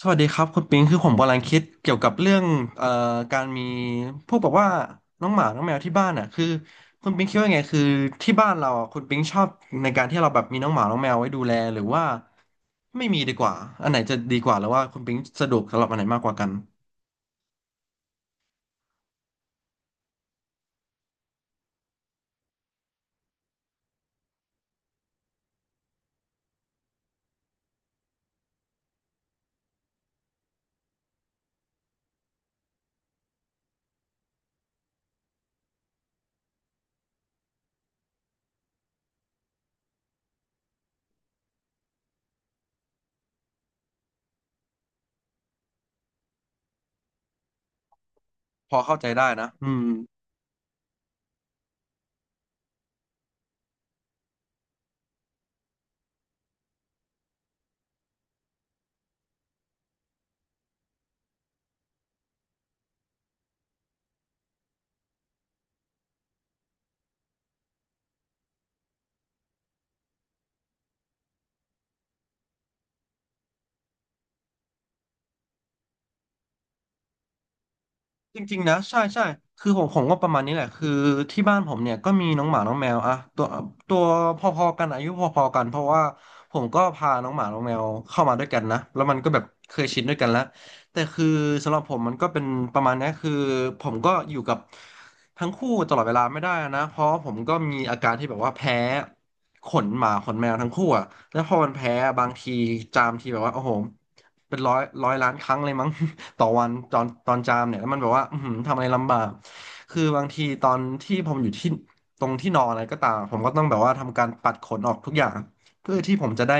สวัสดีครับคุณปิงคือผมกำลังคิดเกี่ยวกับเรื่องเอ่อการมีพวกแบบว่าน้องหมาน้องแมวที่บ้านอ่ะคือคุณปิงคิดว่าไงคือที่บ้านเราอ่ะคุณปิงชอบในการที่เราแบบมีน้องหมาน้องแมวไว้ดูแลหรือว่าไม่มีดีกว่าอันไหนจะดีกว่าหรือว่าคุณปิงสะดวกสำหรับอันไหนมากกว่ากันพอเข้าใจได้นะอืม จริงๆนะใช่ใช่คือผมก็ประมาณนี้แหละคือที่บ้านผมเนี่ยก็มีน้องหมาน้องแมวอะตัวตัวพอๆกันอายุพอๆกันเพราะว่าผมก็พาน้องหมาน้องแมวเข้ามาด้วยกันนะแล้วมันก็แบบเคยชินด้วยกันแล้วแต่คือสำหรับผมมันก็เป็นประมาณนี้คือผมก็อยู่กับทั้งคู่ตลอดเวลาไม่ได้นะเพราะผมก็มีอาการที่แบบว่าแพ้ ขนหมาขนแมวทั้งคู่อ่ะแล้วพอมันแพ้บางทีจามทีแบบว่าโอ้โหเป็นร้อยร้อยล้านครั้งเลยมั้ง ต่อวันตอนจามเนี่ยแล้วมันแบบว่าอือหือทำอะไรลำบากคือบางทีตอนที่ผมอยู่ที่ตรงที่นอนอะไรก็ตามผมก็ต้องแบบว่าทำการปัดขนออกทุกอย่างเพื่อที่ผมจะได้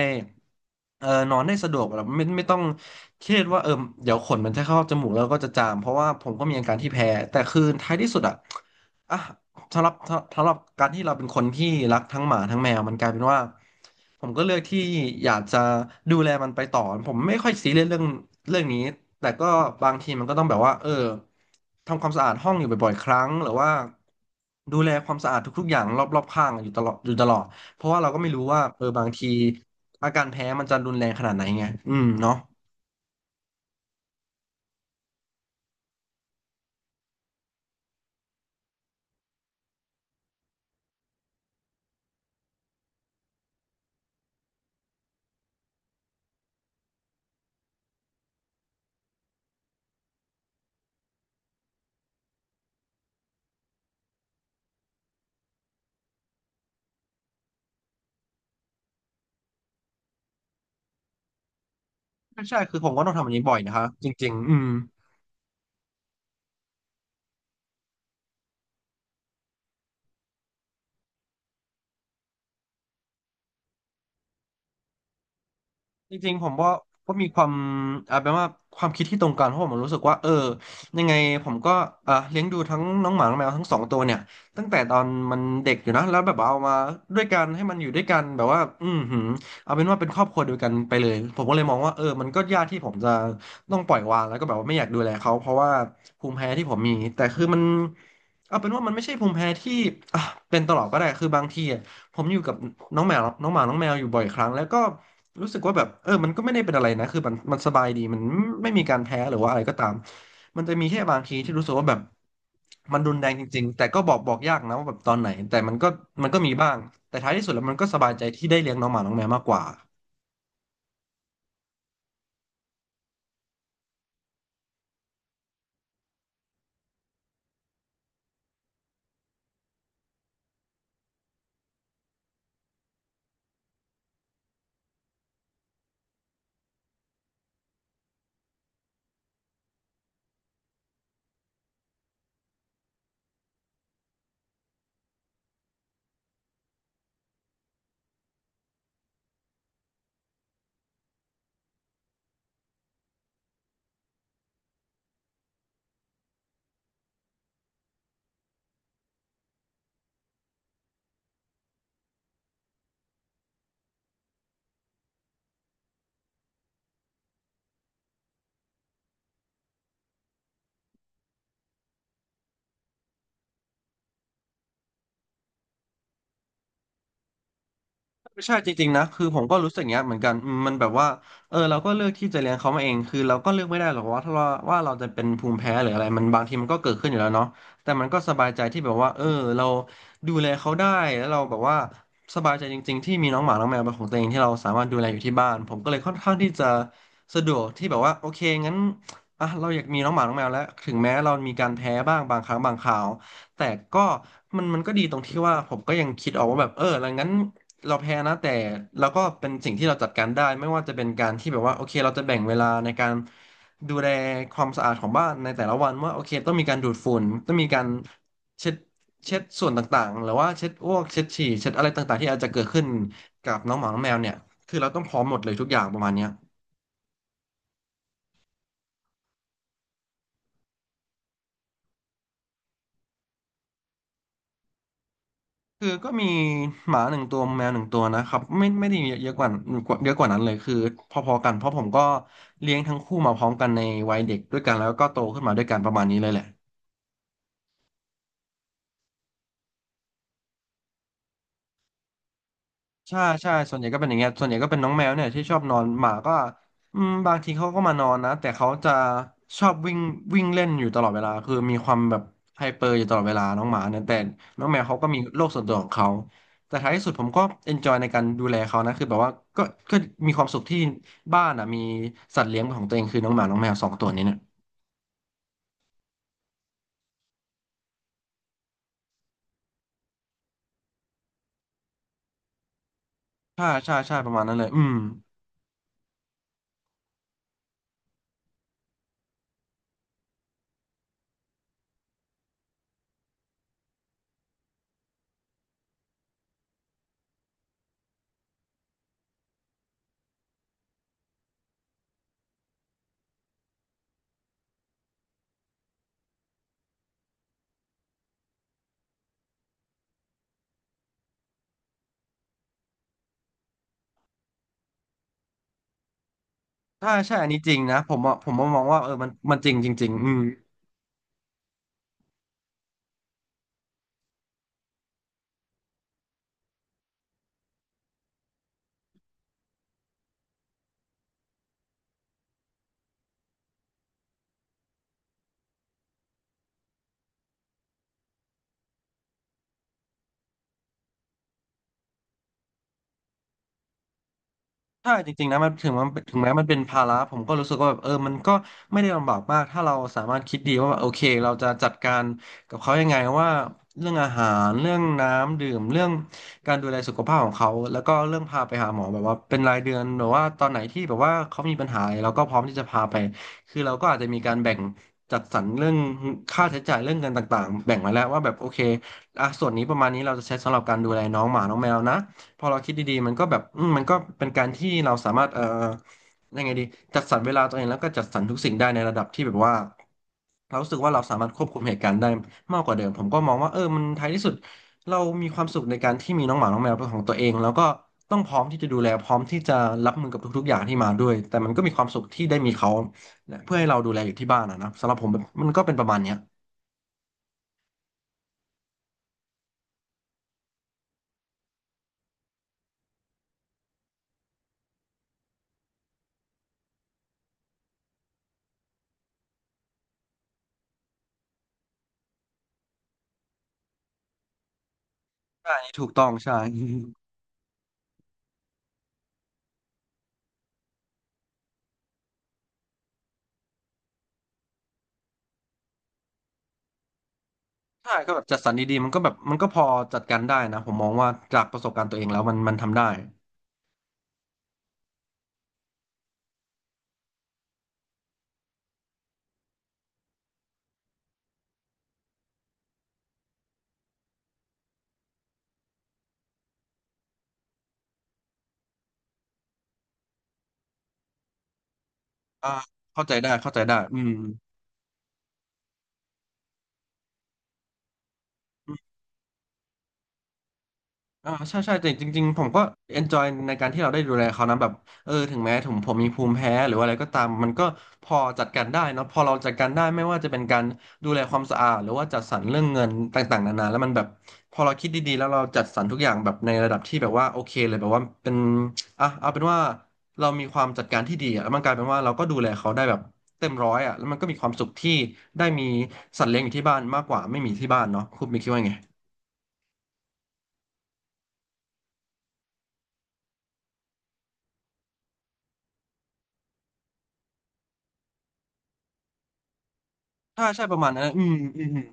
เออนอนได้สะดวกแบบไม่ต้องเครียดว่าเออเดี๋ยวขนมันจะเข้าจมูกแล้วก็จะจามเพราะว่าผมก็มีอาการที่แพ้แต่คือท้ายที่สุดอ่ะ อ่ะสำหรับการที่เราเป็นคนที่รักทั้งหมาทั้งแมวมันกลายเป็นว่าผมก็เลือกที่อยากจะดูแลมันไปต่อผมไม่ค่อยซีเรียสเรื่องนี้แต่ก็บางทีมันก็ต้องแบบว่าเออทำความสะอาดห้องอยู่บ่อยๆครั้งหรือว่าดูแลความสะอาดทุกๆอย่างรอบๆข้างอยู่ตลอดเพราะว่าเราก็ไม่รู้ว่าเออบางทีอาการแพ้มันจะรุนแรงขนาดไหนไงอืมเนาะใช่ใช่คือผมก็ต้องทำอย่างนี้บ่อยนะครจริงๆอืม จริงๆผมว่าก็มีความอาจเป็นว่าความคิดที่ตรงกันเพราะผมรู้สึกว่าเออยังไงผมก็อ่ะเลี้ยงดูทั้งน้องหมาน้องแมวทั้งสองตัวเนี่ยตั้งแต่ตอนมันเด็กอยู่นะแล้วแบบเอามาด้วยกันให้มันอยู่ด้วยกันแบบว่าอืมหืมเอาเป็นว่าเป็นครอบครัวเดียวกันไปเลยผมก็เลยมองว่าเออมันก็ยากที่ผมจะต้องปล่อยวางแล้วก็แบบว่าไม่อยากดูแลเขาเพราะว่าภูมิแพ้ที่ผมมีแต่คือมันเอาเป็นว่ามันไม่ใช่ภูมิแพ้ที่อ่ะเป็นตลอดก็ได้คือบางทีอะ ผมอยู่กับน้องแมวน้องหมา น้องแมวอยู่บ่อยครั้งแล้วก็รู้สึกว่าแบบเออมันก็ไม่ได้เป็นอะไรนะคือมันสบายดีมันไม่มีการแพ้หรือว่าอะไรก็ตาม มันจะมีแค่บางทีที่รู้สึกว่าแบบมันรุนแรงจริงๆแต่ก็บอกยากนะว่าแบบตอนไหน แต่มันก็มันก็มีบ้าง แต่ท้ายที่สุดแล้วมันก็สบายใจที่ได้เลี้ยงน้องหมาน้องแมวมากกว่า ใช่จริงๆนะคือผมก็รู้สึกอย่างเงี้ยเหมือนกันอืมมันแบบว่าเออเราก็เลือกที่จะเลี้ยงเขามาเองคือเราก็เลือกไม่ได้หรอกว่าถ้าว่าเราจะเป็นภูมิแพ้หรืออะไรมันบางทีมันก็เกิดขึ้นอยู่แล้วเนาะแต่มันก็สบายใจที่แบบว่าเออเราดูแลเขาได้แล้วเราแบบว่าสบายใจจริงๆที่มีน้องหมาน้องแมวเป็นของตัวเองที่เราสามารถดูแลอยู่ที่บ้านผมก็เลยค่อนข้างที่จะสะดวกที่แบบว่าโอเคงั้นอ่ะเราอยากมีน้องหมาน้องแมวแล้วถึงแม้เรามีการแพ้บ้างบางครั้งบางคราว แต่ก็มันมันก็ดีตรงที่ว่าผมก็ยังคิดออกว่าแบบเออแล้วงั้นเราแพ้นะแต่เราก็เป็นสิ่งที่เราจัดการได้ไม่ว่าจะเป็นการที่แบบว่าโอเคเราจะแบ่งเวลาในการดูแลความสะอาดของบ้านในแต่ละวันว่าโอเคต้องมีการดูดฝุ่นต้องมีการเช็ดส่วนต่างๆหรือว่าเช็ดอ้วกเช็ดฉี่เช็ดอะไรต่างๆที่อาจจะเกิดขึ้นกับน้องหมาน้องแมวเนี่ยคือเราต้องพร้อมหมดเลยทุกอย่างประมาณเนี้ย คือก็มีหมาหนึ่งตัวแมวหนึ่งตัวนะครับไม่ได้เยอะเยอะกว่าเยอะกว่านั้นเลยคือพอๆกันเพราะผมก็เลี้ยงทั้งคู่มาพร้อมกันในวัยเด็กด้วยกันแล้วก็โตขึ้นมาด้วยกันประมาณนี้เลยแหละ ใช่ใช่ส่วนใหญ่ก็เป็นอย่างเงี้ยส่วนใหญ่ก็เป็นน้องแมวเนี่ยที่ชอบนอนหมาก็บางทีเขาก็มานอนนะแต่เขาจะชอบวิ่งวิ่งเล่นอยู่ตลอดเวลาคือมีความแบบไฮเปอร์อยู่ตลอดเวลาน้องหมาเนี่ยแต่น้องแมวเขาก็มีโลกส่วนตัวของเขาแต่ท้ายที่สุดผมก็เอนจอยในการดูแลเขานะคือแบบว่าก็ก็มีความสุขที่บ้านอ่ะมีสัตว์เลี้ยงของตัวเองคือน้องหมาน้องแมวสองตัวนี้เนี่ยใช่ใช่ใช่ประมาณนั้นเลยอืมใช่ใช่อันนี้จริงนะผมว่ามองว่าเออมันจริงจริงๆอืม ใช่จริงๆนะมันถึงแม้มันเป็นภาระผมก็รู้สึกว่าแบบเออมันก็ไม่ได้ลำบากมากถ้าเราสามารถคิดดีว่าแบบโอเคเราจะจัดการกับเขายังไงว่าเรื่องอาหารเรื่องน้ำดื่มเรื่องการดูแลสุขภาพของเขาแล้วก็เรื่องพาไปหาหมอแบบว่าเป็นรายเดือนหรือว่าตอนไหนที่แบบว่าเขามีปัญหาอะไรเราก็พร้อมที่จะพาไปคือเราก็อาจจะมีการแบ่งจัดสรรเรื่องค่าใช้จ่ายเรื่องเงินต่างๆแบ่งไว้แล้วว่าแบบโอเคอ่ะส่วนนี้ประมาณนี้เราจะใช้สำหรับการดูแลน้องหมาน้องแมวนะ พอเราคิดดีๆมันก็แบบอืมมันก็เป็นการที่เราสามารถยังไงดีจัดสรรเวลาตัวเองแล้วก็จัดสรรทุกสิ่งได้ในระดับที่แบบว่าเรารู้สึกว่าเราสามารถควบคุมเหตุการณ์ได้มากกว่าเดิมผมก็มองว่าเออมันท้ายที่สุดเรามีความสุขในการที่มีน้องหมาน้องแมวเป็นของตัวเองแล้วก็ต้องพร้อมที่จะดูแลพร้อมที่จะรับมือกับทุกๆอย่างที่มาด้วยแต่มันก็มีความสุขที่ได้มีเขาเพื่อให้เราดูแลอยู่ที่บ้านนะนะสำหรับผมแบบมันก็เป็นประมาณเนี้ยอันนี้ถูกต้องใช่ ใช่ก็แบบจัดสรรดีๆมันก็แบบมันก็พอจัดการได้นะผมมองว่าจากประสบการณ์ตัวเองแล้วมันทำได้อ่าเข้าใจได้เข้าใจได้อืม อ่าใช่ใช่แต่จริงๆผมก็ enjoy ในการที่เราได้ดูแลเขานะแบบเออถึงแม้ผมมีภูมิแพ้หรือว่าอะไรก็ตามมันก็พอจัดการได้เนอะพอเราจัดการได้ไม่ว่าจะเป็นการดูแลความสะอาดหรือว่าจัดสรรเรื่องเงินต่างๆนานาแล้วมันแบบพอเราคิดดีๆแล้วเราจัดสรรทุกอย่างแบบในระดับที่แบบว่าโอเคเลยแบบว่าเป็นอ่ะเอาเป็นว่าเรามีความจัดการที่ดีอะแล้วมันกลายเป็นว่าเราก็ดูแลเขาได้แบบเต็มร้อยอ่ะแล้วมันก็มีความสุขที่ได้มีสัตว์เลี้ยงอยู่ที่บ้านมากกว่าไม่มีที่บ้านเนาะคุณมีคิดว่าไงใช่ใช่ประมาณนั้นอืมอืมอืม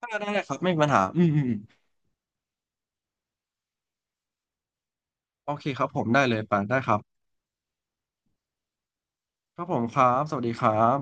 ได้ได้ได้ครับไม่มีปัญหาอืมอืมอืมโอเคครับผมได้เลยไปได้ครับครับผมครับสวัสดีครับ